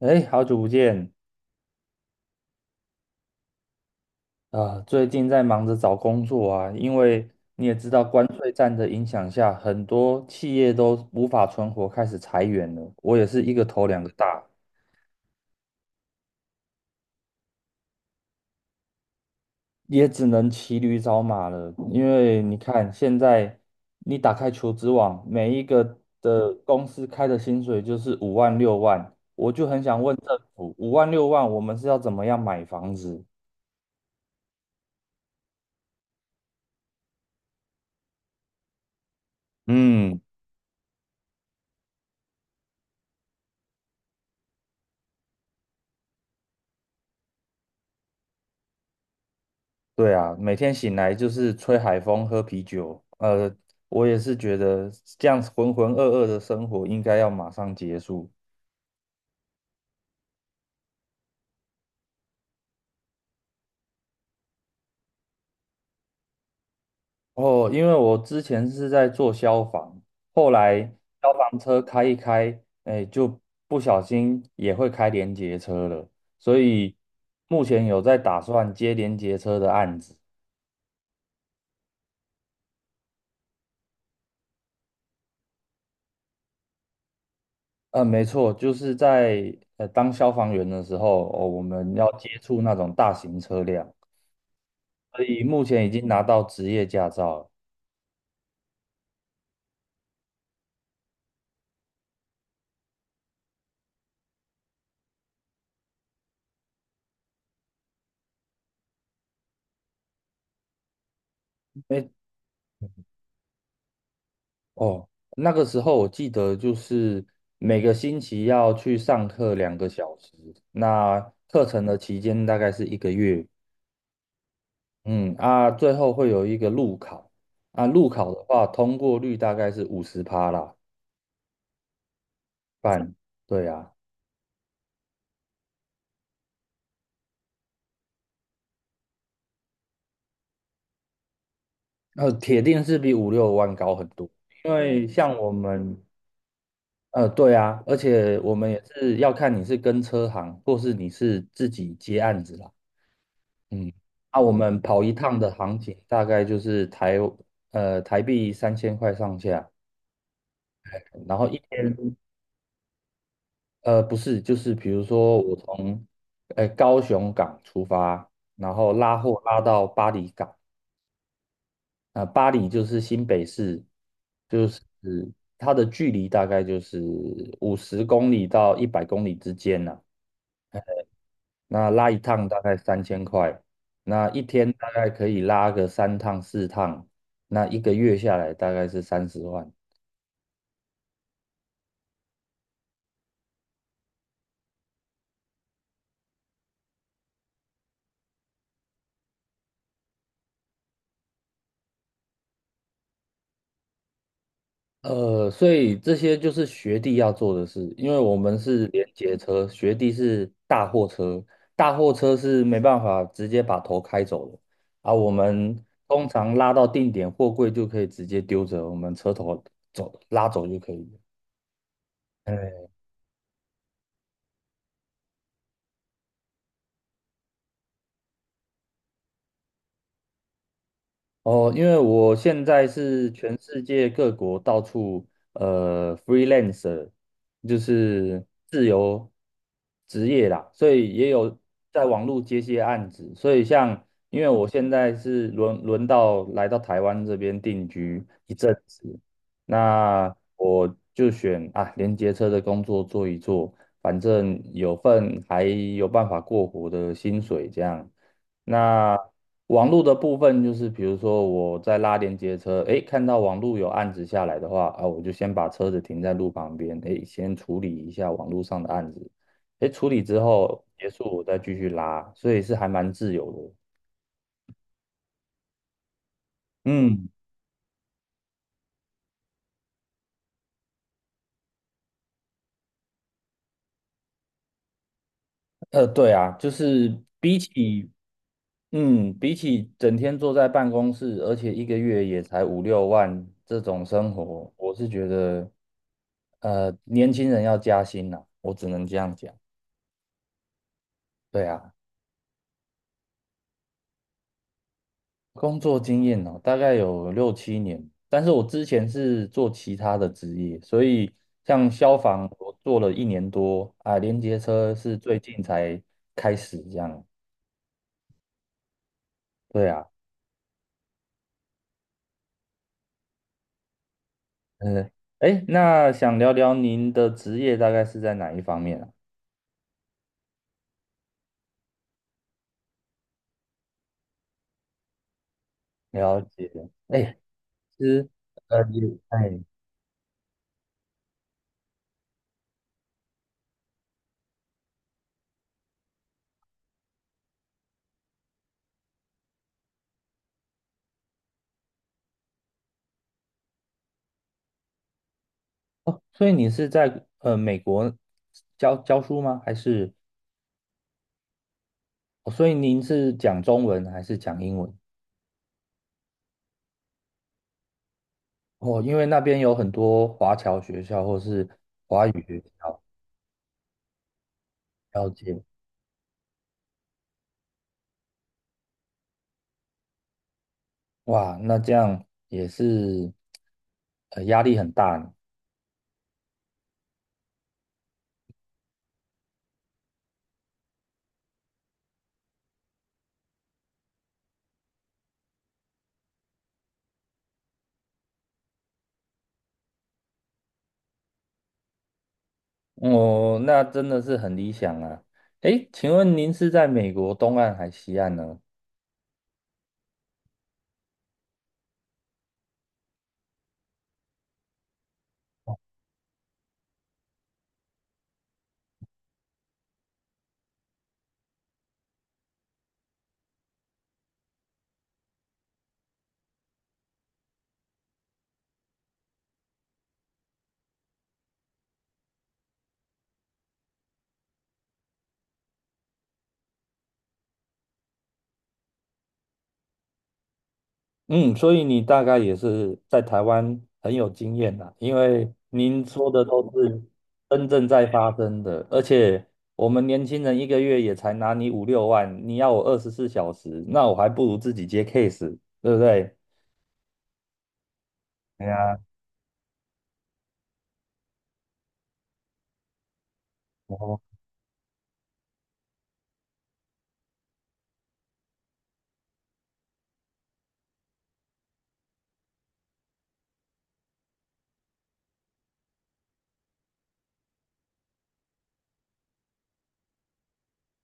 哎，好久不见！啊、最近在忙着找工作啊，因为你也知道，关税战的影响下，很多企业都无法存活，开始裁员了。我也是一个头两个大，也只能骑驴找马了。因为你看，现在你打开求职网，每一个的公司开的薪水就是五万六万，我就很想问政府，五万六万，我们是要怎么样买房子？嗯。对啊，每天醒来就是吹海风、喝啤酒。我也是觉得这样子浑浑噩噩的生活应该要马上结束。哦，因为我之前是在做消防，后来消防车开一开，哎，就不小心也会开联结车了，所以目前有在打算接联结车的案子。没错，就是在当消防员的时候，哦，我们要接触那种大型车辆。所以目前已经拿到职业驾照了。哎，哦，那个时候我记得就是每个星期要去上课2个小时，那课程的期间大概是一个月。嗯啊，最后会有一个路考啊，路考的话通过率大概是50%啦，半，对啊，铁定是比五六万高很多，因为像我们。对啊，而且我们也是要看你是跟车行，或是你是自己接案子啦。嗯，那我们跑一趟的行情大概就是台币三千块上下，然后一天不是，就是比如说我从高雄港出发，然后拉货拉到巴黎港，啊、巴黎就是新北市，就是它的距离大概就是50公里到100公里之间呢、那拉一趟大概三千块，那一天大概可以拉个三趟四趟，那一个月下来大概是30万。所以这些就是学弟要做的事，因为我们是连接车，学弟是大货车，大货车是没办法直接把头开走的啊。我们通常拉到定点，货柜就可以直接丢着，我们车头走拉走就可以了。哎哦，因为我现在是全世界各国到处freelancer,就是自由职业啦，所以也有在网络接些案子。所以像，因为我现在是轮到来到台湾这边定居一阵子，那我就选啊连接车的工作做一做，反正有份还有办法过活的薪水这样。那网络的部分就是，比如说我在拉连接车，诶，看到网络有案子下来的话，啊，我就先把车子停在路旁边，诶，先处理一下网络上的案子，诶，处理之后结束，我再继续拉，所以是还蛮自由的。嗯，对啊，就是比起，嗯，比起整天坐在办公室，而且一个月也才五六万这种生活，我是觉得，年轻人要加薪呐，我只能这样讲。对啊，工作经验哦，大概有六七年，但是我之前是做其他的职业，所以像消防我做了一年多啊，连接车是最近才开始这样。对啊，嗯，哎，那想聊聊您的职业大概是在哪一方面啊？了解，哎，其实也哎哦，所以你是在美国教教书吗？还是哦，所以您是讲中文还是讲英文？哦，因为那边有很多华侨学校或是华语学校，了解。哇，那这样也是压力很大呢。哦，那真的是很理想啊。诶，请问您是在美国东岸还西岸呢？嗯，所以你大概也是在台湾很有经验啦，因为您说的都是真正在发生的，而且我们年轻人一个月也才拿你五六万，你要我24小时，那我还不如自己接 case,对不对？对呀，哦，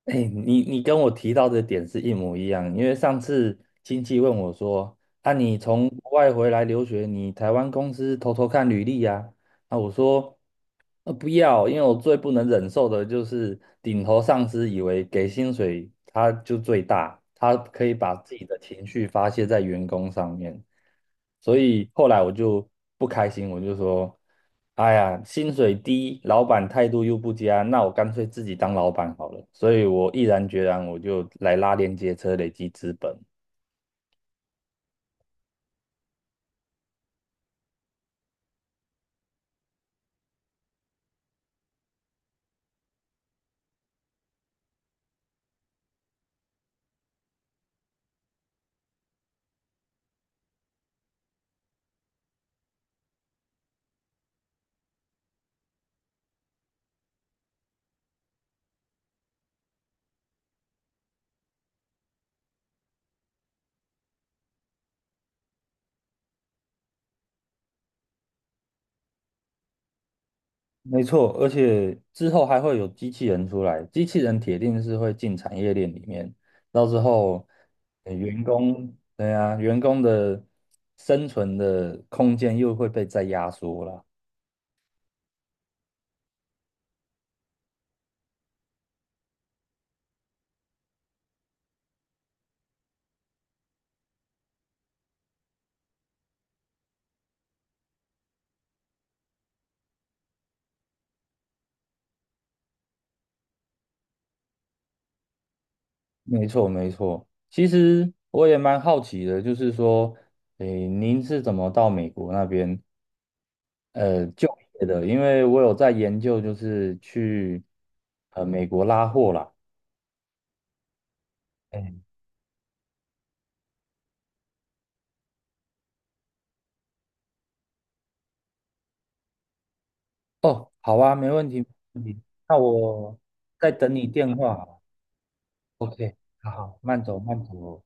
哎，你你跟我提到的点是一模一样，因为上次亲戚问我说，啊，你从国外回来留学，你台湾公司偷偷看履历呀、啊，我说，不要，因为我最不能忍受的就是顶头上司以为给薪水他就最大，他可以把自己的情绪发泄在员工上面，所以后来我就不开心，我就说，哎呀，薪水低，老板态度又不佳，那我干脆自己当老板好了，所以我毅然决然我就来拉连接车累积资本。没错，而且之后还会有机器人出来，机器人铁定是会进产业链里面，到时候，员工，对啊，员工的生存的空间又会被再压缩了。没错，没错。其实我也蛮好奇的，就是说，诶，您是怎么到美国那边就业的？因为我有在研究，就是去美国拉货啦。哦，好啊，没问题，没问题。那我在等你电话好了 OK,好好，慢走慢走。